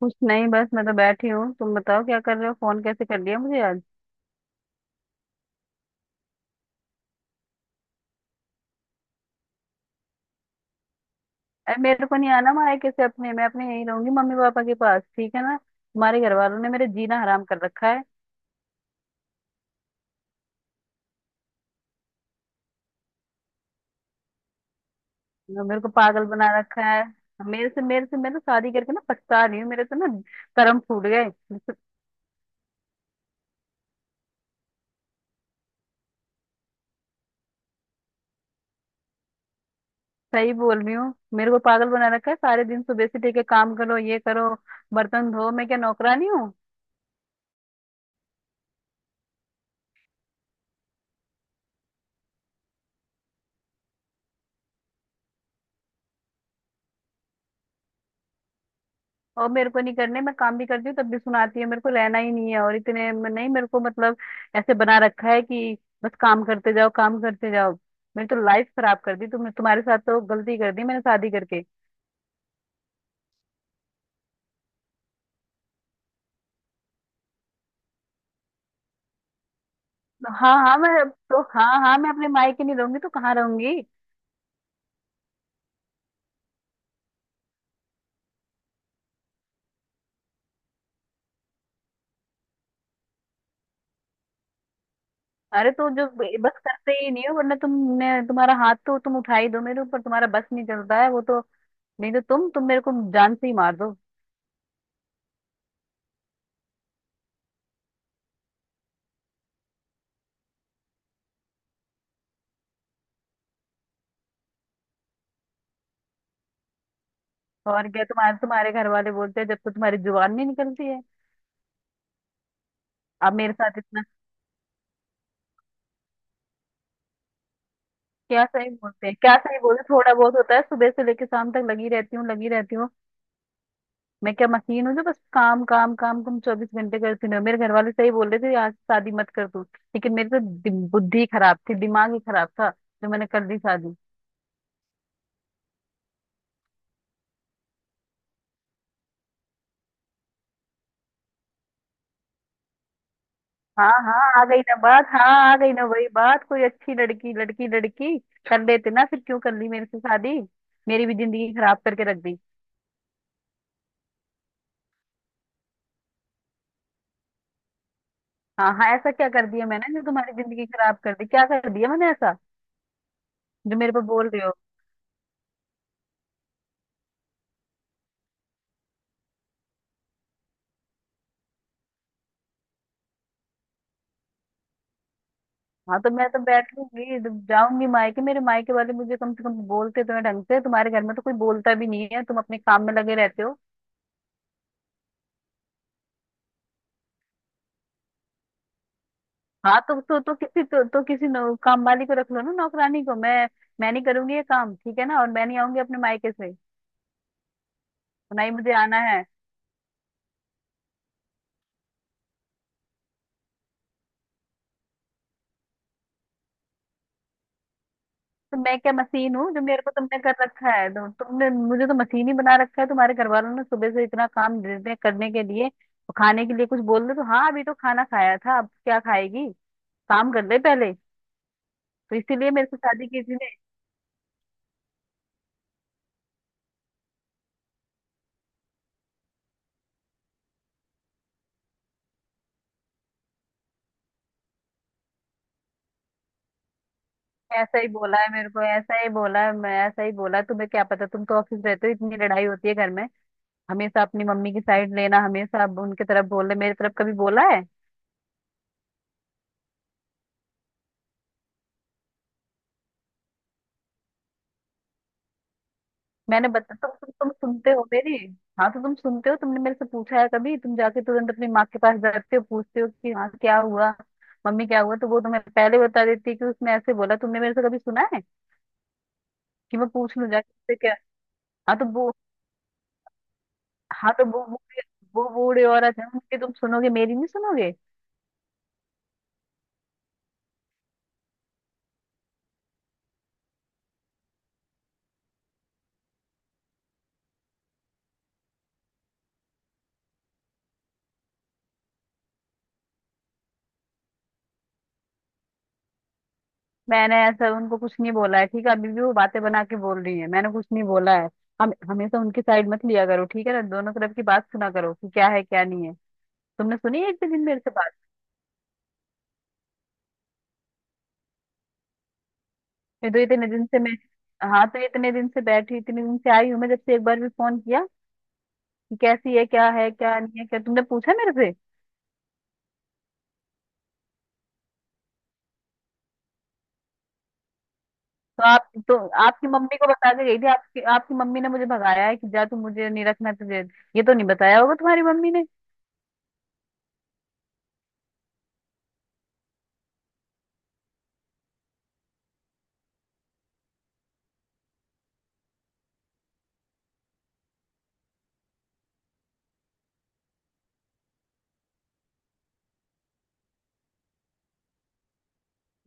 कुछ नहीं। बस मैं तो बैठी हूँ। तुम बताओ, क्या कर रहे हो? फोन कैसे कर लिया मुझे आज? अरे, मेरे को नहीं आना मायके। कैसे अपने मैं अपने यहीं रहूंगी, मम्मी पापा के पास। ठीक है ना? तुम्हारे घर वालों ने मेरे जीना हराम कर रखा है। मेरे को पागल बना रखा है। मेरे से मैं तो शादी करके ना पछता रही हूँ। मेरे तो ना, कर्म फूट गए, मैं तो। सही बोल रही हूँ। मेरे को पागल बना रखा है। सारे दिन सुबह से लेके काम करो, ये करो, बर्तन धो। मैं क्या नौकरानी हूँ? और मेरे को नहीं करने। मैं काम भी करती हूँ, तब भी सुनाती है। मेरे को रहना ही नहीं है और इतने में नहीं। मेरे को मतलब ऐसे बना रखा है कि बस काम करते जाओ, काम करते जाओ। मेरी तो लाइफ खराब कर दी तुमने। तुम्हारे साथ तो गलती कर दी मैंने शादी करके। हाँ हाँ, मैं अब तो, हाँ हाँ, मैं अपने मायके नहीं रहूंगी तो कहाँ रहूंगी? अरे तो जो बस करते ही नहीं हो, वरना तुमने तुम्हारा हाथ तो तुम उठा ही दो मेरे ऊपर। तुम्हारा बस नहीं चलता है वो तो, नहीं तो तुम मेरे को जान से ही मार दो। और क्या? तुम्हारे तुम्हारे घर वाले बोलते हैं जब तक तुम्हारी जुबान नहीं निकलती है। अब मेरे साथ इतना। क्या सही बोलते हैं? क्या सही बोलते हैं? थोड़ा बहुत होता है? सुबह से लेकर शाम तक लगी रहती हूँ, लगी रहती हूँ। मैं क्या मशीन हूँ जो बस काम, काम, काम तुम चौबीस घंटे करती रहो? मेरे घर वाले सही बोल रहे थे, आज शादी मत कर तू। लेकिन मेरी तो बुद्धि खराब थी, दिमाग ही खराब था जो मैंने कर दी शादी। हाँ हाँ, आ गई ना बात। हाँ, आ गई ना वही बात, कोई अच्छी लड़की, लड़की, लड़की कर लेते ना। फिर क्यों कर ली मेरे से शादी? मेरी भी जिंदगी खराब करके रख दी। हाँ हाँ, ऐसा क्या कर दिया मैंने जो तुम्हारी जिंदगी खराब कर दी? क्या कर दिया मैंने ऐसा जो मेरे पर बोल रहे हो? हाँ तो मैं तो बैठ लूंगी जब जाऊंगी मायके। मेरे मायके वाले मुझे कम से कम बोलते तो हैं ढंग से, तुम्हारे घर में तो कोई बोलता भी नहीं है। तुम अपने काम में लगे रहते हो। हाँ तो काम वाली को रख लो ना, नौकरानी को। मैं नहीं करूंगी ये काम। ठीक है ना? और मैं नहीं आऊंगी अपने मायके से, तो ना ही मुझे आना है। तो मैं क्या मशीन हूँ जो मेरे को तुमने कर रखा है? तो तुमने मुझे तो मशीन ही बना रखा है, तुम्हारे घर वालों ने। सुबह से इतना काम दे दिया करने के लिए, तो खाने के लिए कुछ बोल दो तो, हाँ अभी तो खाना खाया था, अब क्या खाएगी, काम कर ले पहले। तो इसीलिए मेरे से शादी किसी ने। ऐसा ही बोला है मेरे को, ऐसा ही बोला है, मैं ऐसा ही बोला तुम्हें क्या पता, तुम तो ऑफिस रहते हो। इतनी लड़ाई होती है घर में। हमेशा अपनी मम्मी की साइड लेना, हमेशा अब उनके तरफ बोलना। मेरी तरफ कभी बोला है? मैंने बता तुम सुनते हो मेरी? हाँ तो तुम सुनते हो? तुमने मेरे से पूछा है कभी? तुम जाके तुरंत अपनी माँ के पास जाते हो, पूछते हो कि हाँ क्या हुआ मम्मी, क्या हुआ? तो वो तुम्हें पहले बता देती है कि उसने ऐसे बोला। तुमने मेरे से कभी सुना है कि मैं पूछ लूँ जाके उससे क्या? हाँ तो वो हाँ तो वो वो वो बूढ़े औरत है। उनकी तुम सुनोगे, मेरी नहीं सुनोगे। मैंने ऐसा उनको कुछ नहीं बोला है, ठीक है? अभी भी वो बातें बना के बोल रही है। मैंने कुछ नहीं बोला है। हम हमेशा उनकी साइड मत लिया करो, ठीक है ना? दोनों तरफ की बात सुना करो कि क्या है क्या नहीं है। तुमने सुनी है एक भी दिन मेरे से बात? मैं तो इतने दिन से मैं हाँ तो इतने दिन से बैठी, इतने दिन से आई हूँ मैं, जब से एक बार भी फोन किया कि कैसी है, क्या है, क्या नहीं है? क्या तुमने पूछा मेरे से? तो आप तो आपकी मम्मी को बता के गई थी। आपकी आपकी मम्मी ने मुझे भगाया है कि जा तू, मुझे नहीं रखना तुझे। ये तो नहीं बताया होगा तुम्हारी मम्मी ने।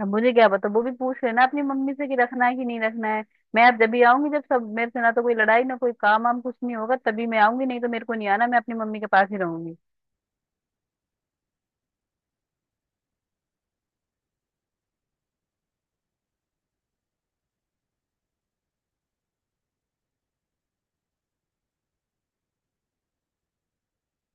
अब मुझे क्या पता, वो भी पूछ लेना अपनी मम्मी से कि रखना है कि नहीं रखना है। मैं अब जब भी आऊंगी, जब सब मेरे से ना तो कोई लड़ाई, ना कोई काम वाम कुछ नहीं होगा, तभी मैं आऊंगी। नहीं तो मेरे को नहीं आना, मैं अपनी मम्मी के पास ही रहूंगी।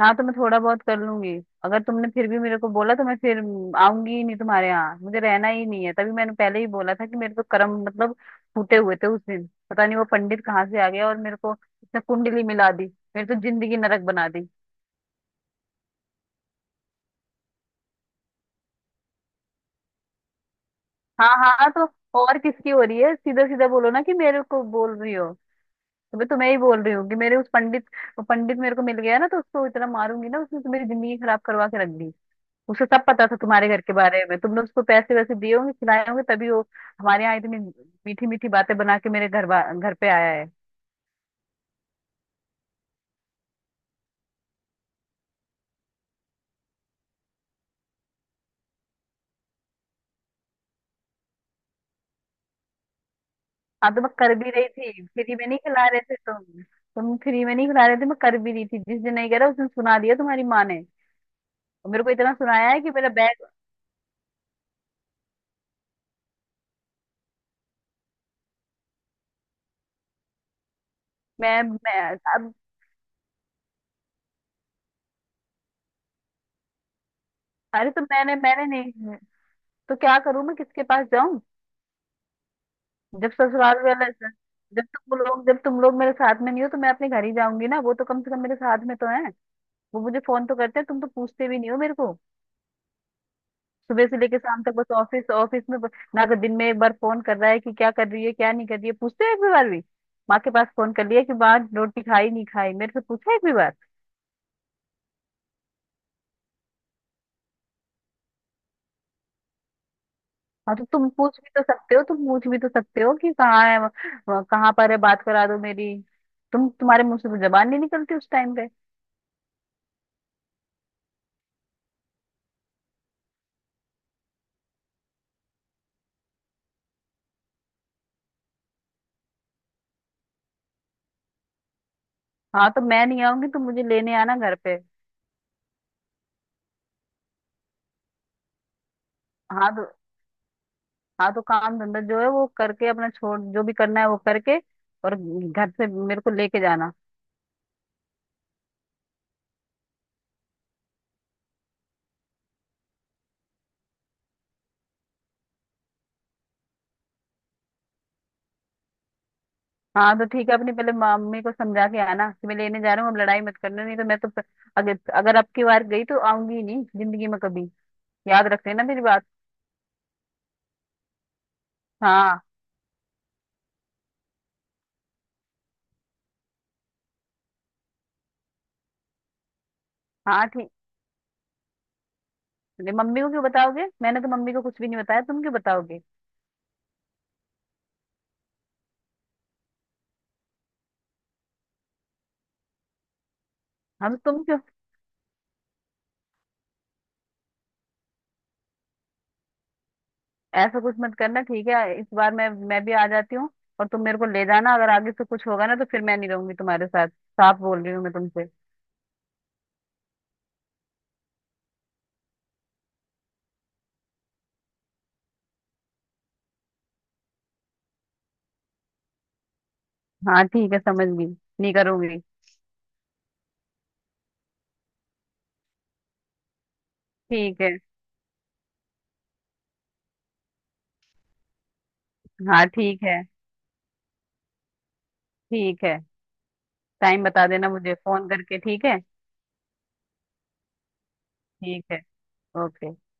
हाँ तो मैं थोड़ा बहुत कर लूंगी। अगर तुमने फिर भी मेरे को बोला तो मैं फिर आऊंगी ही नहीं तुम्हारे यहाँ। मुझे रहना ही नहीं है। तभी मैंने पहले ही बोला था कि मेरे तो कर्म मतलब फूटे हुए थे। उस दिन पता नहीं वो पंडित कहाँ से आ गया और मेरे को इसने कुंडली मिला दी। मेरी तो जिंदगी नरक बना दी। हाँ हाँ हाँ, तो और किसकी हो रही है? सीधा सीधा बोलो ना कि मेरे को बोल रही हो। अबे, तो मैं ही बोल रही हूँ कि मेरे उस पंडित वो पंडित मेरे को मिल गया ना तो उसको इतना मारूंगी ना। उसने तो मेरी जिंदगी खराब करवा के रख दी। उसे सब पता था तुम्हारे घर के बारे में, तुमने उसको पैसे वैसे दिए होंगे, खिलाए होंगे, तभी वो हमारे यहाँ इतनी मीठी मीठी बातें बना के मेरे घर पे आया है। हाँ तो मैं कर भी रही थी, फ्री में नहीं खिला रहे थे तुम। तुम फ्री में नहीं खिला रहे थे, मैं कर भी रही थी। जिस दिन नहीं कह रहा उस दिन सुना दिया तुम्हारी माँ ने। और मेरे को इतना सुनाया है कि मेरा बैग। मैं अब। अरे तो मैंने मैंने नहीं। तो क्या करूं मैं, किसके पास जाऊं? जब ससुराल वाला, जब तुम लोग मेरे साथ में नहीं हो तो मैं अपने घर ही जाऊंगी ना। वो तो कम से कम मेरे साथ में तो है, वो मुझे फोन तो करते हैं। तुम तो पूछते भी नहीं हो मेरे को। सुबह से लेके शाम तक बस ऑफिस, ऑफिस में ना कर। दिन में एक बार फोन कर रहा है कि क्या कर रही है, क्या नहीं कर रही है? पूछते हो एक भी बार भी? माँ के पास फोन कर लिया कि माँ रोटी खाई नहीं खाई? मेरे से पूछा है एक भी बार? हाँ तो तुम पूछ भी तो सकते हो, तुम पूछ भी तो सकते हो कि कहाँ है कहाँ पर है, बात करा दो मेरी। तुम्हारे मुंह से तो जबान नहीं निकलती उस टाइम पे। हाँ तो मैं नहीं आऊंगी, तुम मुझे लेने आना घर पे। हाँ तो हाँ तो काम धंधा जो है वो करके, अपना छोड़, जो भी करना है वो करके, और घर से मेरे को लेके जाना। हाँ तो ठीक है, अपनी पहले मम्मी को समझा के आना कि मैं लेने जा रहा हूँ, अब लड़ाई मत करना। नहीं तो मैं तो अगर अगर अब की बार गई तो आऊंगी ही नहीं जिंदगी में कभी। याद रख लेना मेरी बात। हाँ, हाँ, ठीक। नहीं, मम्मी को क्यों बताओगे? मैंने तो मम्मी को कुछ भी नहीं बताया, तुम क्यों बताओगे? हम तुम क्यों ऐसा कुछ मत करना, ठीक है? इस बार मैं भी आ जाती हूँ और तुम मेरे को ले जाना। अगर आगे से कुछ होगा ना तो फिर मैं नहीं रहूंगी तुम्हारे साथ, साफ बोल रही हूँ मैं तुमसे। हाँ ठीक है, समझ गई। नहीं करूंगी। ठीक है। हाँ ठीक है। ठीक है। टाइम बता देना मुझे फोन करके, ठीक है? ठीक है। ओके।